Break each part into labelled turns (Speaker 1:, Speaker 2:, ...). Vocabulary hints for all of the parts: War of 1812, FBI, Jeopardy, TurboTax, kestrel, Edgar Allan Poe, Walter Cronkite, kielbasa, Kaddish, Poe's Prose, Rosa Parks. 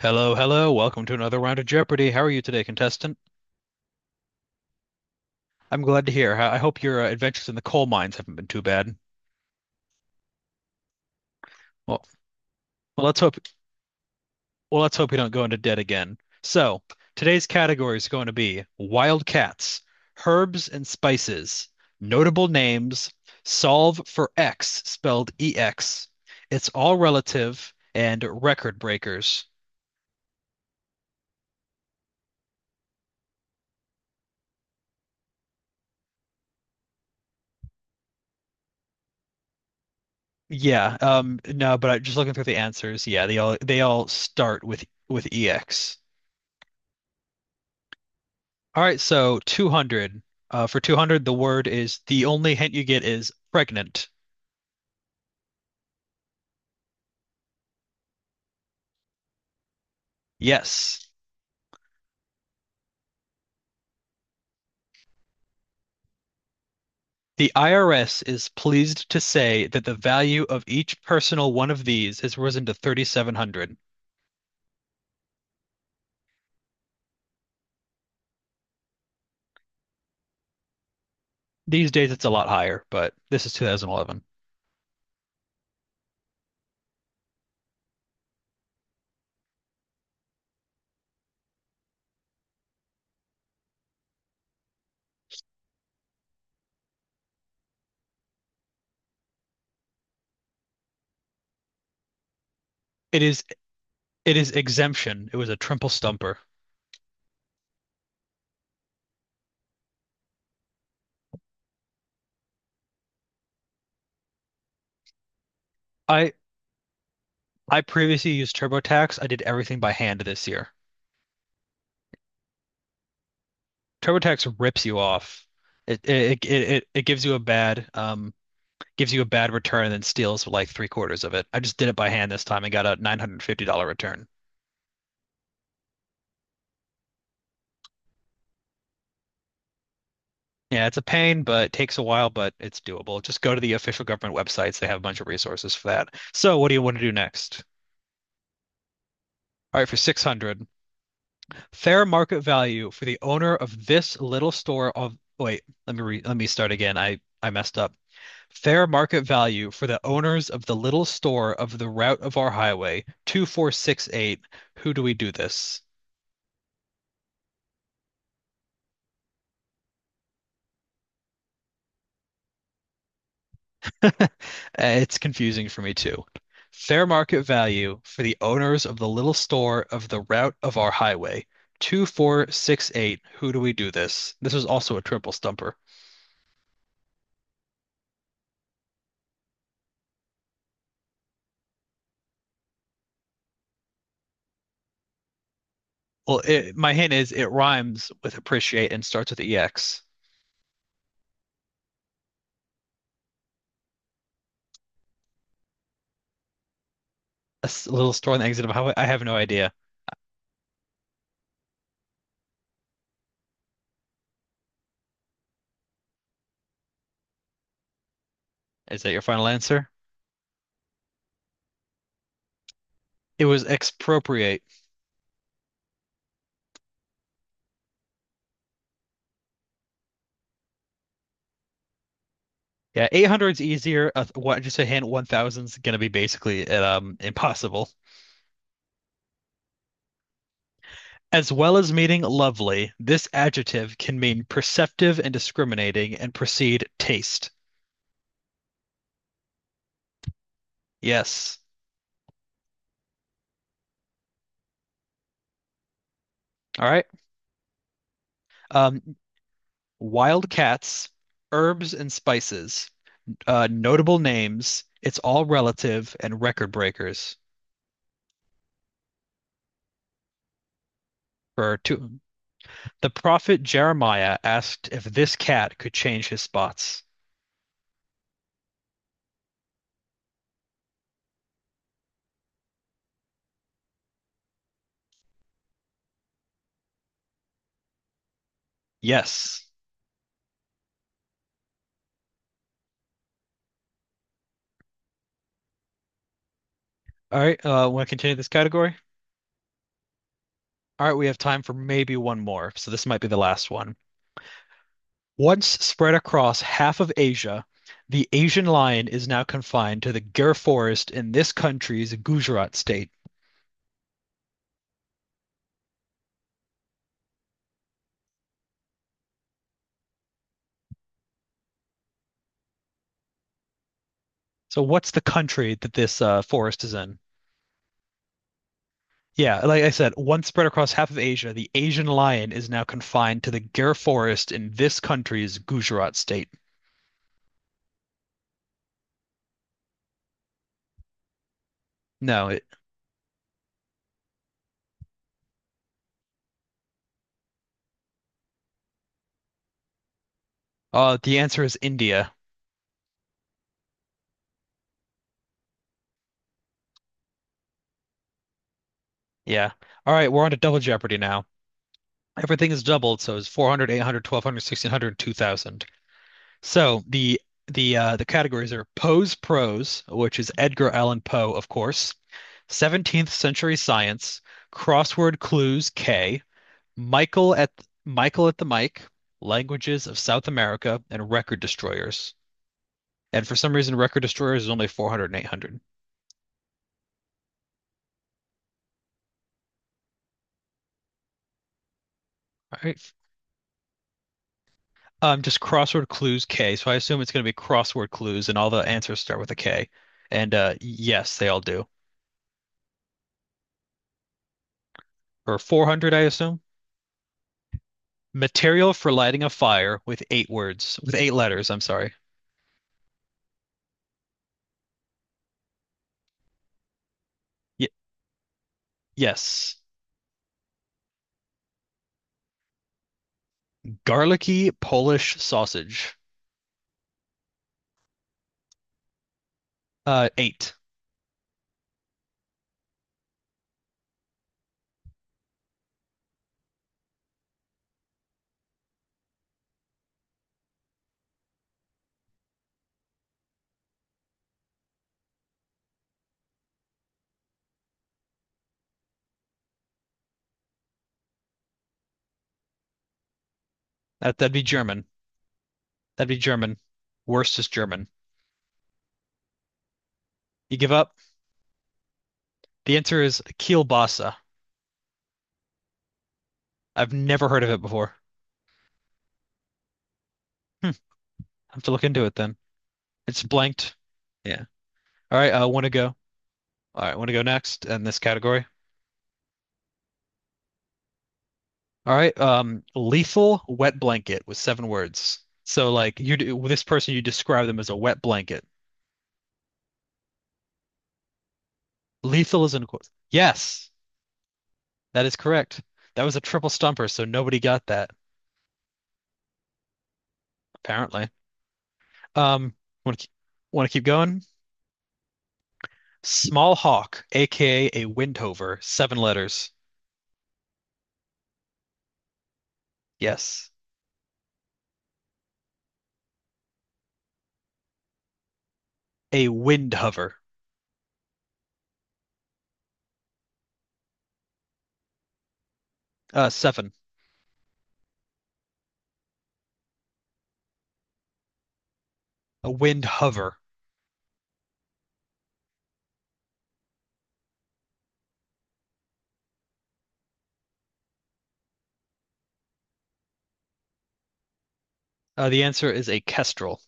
Speaker 1: Hello, hello. Welcome to another round of Jeopardy. How are you today, contestant? I'm glad to hear. I hope your adventures in the coal mines haven't been too bad. Well, well, let's hope. Well, let's hope you don't go into debt again. So, today's category is going to be wild cats, herbs and spices, notable names, solve for X spelled EX. It's all relative and record breakers. Yeah, no, but I, just looking through the answers, yeah, they all start with EX. All right, so 200. For 200, the word is the only hint you get is pregnant. Yes. The IRS is pleased to say that the value of each personal one of these has risen to 3,700. These days it's a lot higher, but this is 2011. It is it is exemption. It was a triple stumper. I I previously used TurboTax. I did everything by hand this year. TurboTax rips you off. It gives you a bad gives you a bad return and then steals like three-quarters of it. I just did it by hand this time and got a $950 return. Yeah, it's a pain, but it takes a while, but it's doable. Just go to the official government websites. They have a bunch of resources for that. So, what do you want to do next? All right, for 600, fair market value for the owner of this little store of wait, let me re, let me start again. I messed up. Fair market value for the owners of the little store of the route of our highway, 2468. Who do we do this? It's confusing for me too. Fair market value for the owners of the little store of the route of our highway. 2468. Who do we do this? This was also a triple stumper. Well, my hint is it rhymes with appreciate and starts with EX. A little store on the exit of a highway. I have no idea. Is that your final answer? It was expropriate. Yeah, 800's easier. Just a hint, 1,000's gonna be basically impossible. As well as meaning lovely, this adjective can mean perceptive and discriminating and precede taste. Yes. All right. Um, Wild cats, herbs and spices, notable names. It's all relative and record breakers. For two, the prophet Jeremiah asked if this cat could change his spots. Yes. All right. Want to continue this category? All right. We have time for maybe one more, so this might be the last one. Once spread across half of Asia, the Asian lion is now confined to the Gir forest in this country's Gujarat state. So, what's the country that this forest is in? Yeah, like I said, once spread across half of Asia, the Asian lion is now confined to the Gir forest in this country's Gujarat state. No, it, the answer is India. Yeah. All right, we're on to double jeopardy now. Everything is doubled, so it's 400, 800, 1,200, 1,600, 2,000. So the categories are Poe's prose, which is Edgar Allan Poe, of course, 17th century science, crossword clues K, Michael at Michael at the mic, languages of South America, and record destroyers. And for some reason, record destroyers is only four hundred and eight hundred. All right. Just crossword clues K. So I assume it's going to be crossword clues, and all the answers start with a K. And yes, they all do. Or 400, I assume. Material for lighting a fire with eight letters, I'm sorry. Y Yes. Garlicky Polish sausage. Eight. That that'd be German. That'd be German. Worst is German. You give up? The answer is kielbasa. I've never heard of it before. Hmm. I have to look into it then. It's blanked. Yeah. All right, I want to go. All right, want to go next in this category. All right, lethal wet blanket with seven words. So like you, this person, you describe them as a wet blanket. Lethal is in quotes. Yes, that is correct. That was a triple stumper, so nobody got that, apparently. Um, want to want to keep going? Small hawk, aka a windhover, seven letters. Yes, a windhover. Seven. A windhover. The answer is a kestrel.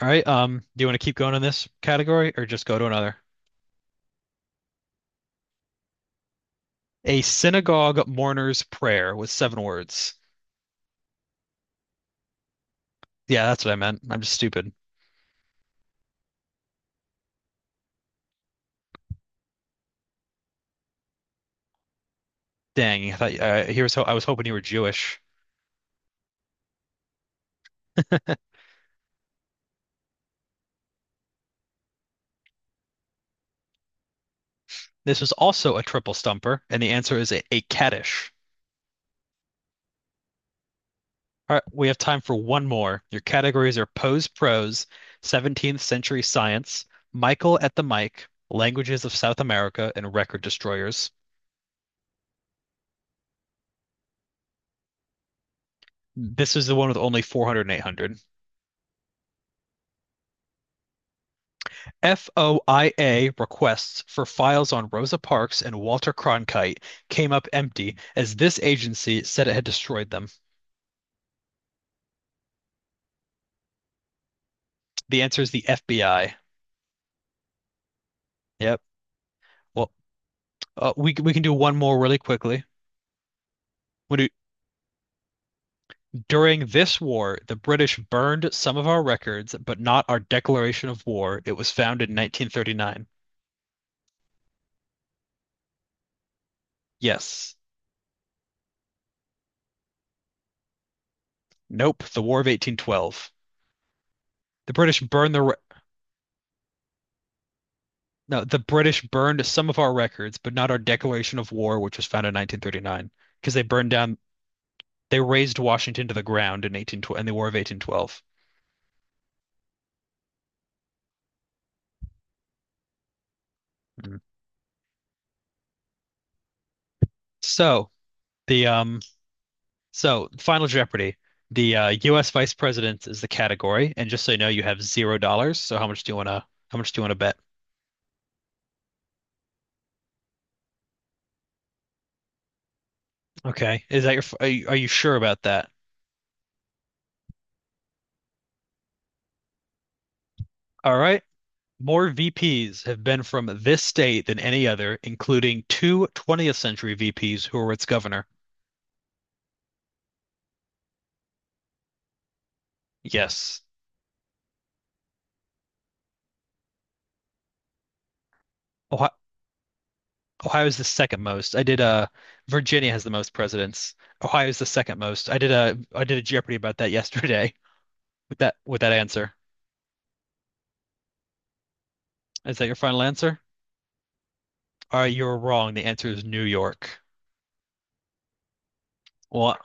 Speaker 1: All right. Do you want to keep going in this category or just go to another? A synagogue mourner's prayer with seven words. Yeah, that's what I meant. I'm just stupid. Dang, I thought, here's how I was hoping you were Jewish. This is also a triple stumper, and the answer is a caddish. All right, we have time for one more. Your categories are Poe's Prose, 17th Century Science, Michael at the Mic, Languages of South America, and Record Destroyers. This is the one with only 400 and 800. FOIA requests for files on Rosa Parks and Walter Cronkite came up empty as this agency said it had destroyed them. The answer is the FBI. Yep. Well, we can do one more really quickly. Want do During this war, the British burned some of our records, but not our declaration of war. It was found in 1939. Yes. Nope. The War of 1812. The British burned the re- No, the British burned some of our records, but not our declaration of war, which was found in 1939, because they burned down they razed Washington to the ground in 18 12 in the War of 1812. So, the um So, Final Jeopardy. The U.S. Vice President is the category, and just so you know, you have $0. So, how much do you wanna bet? Okay, is that your? F- are you, are you sure about that? All right. More VPs have been from this state than any other, including two 20th century VPs who were its governor. Yes. Ohio, Ohio is the second most. I did Virginia has the most presidents. Ohio is the second most. I did a Jeopardy about that yesterday with that answer. Is that your final answer? All right, you're wrong. The answer is New York. Well,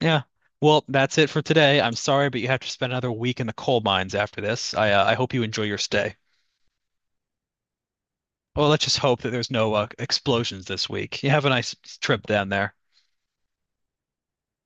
Speaker 1: yeah. Well, that's it for today. I'm sorry, but you have to spend another week in the coal mines after this. I hope you enjoy your stay. Well, let's just hope that there's no explosions this week. You have a nice trip down there.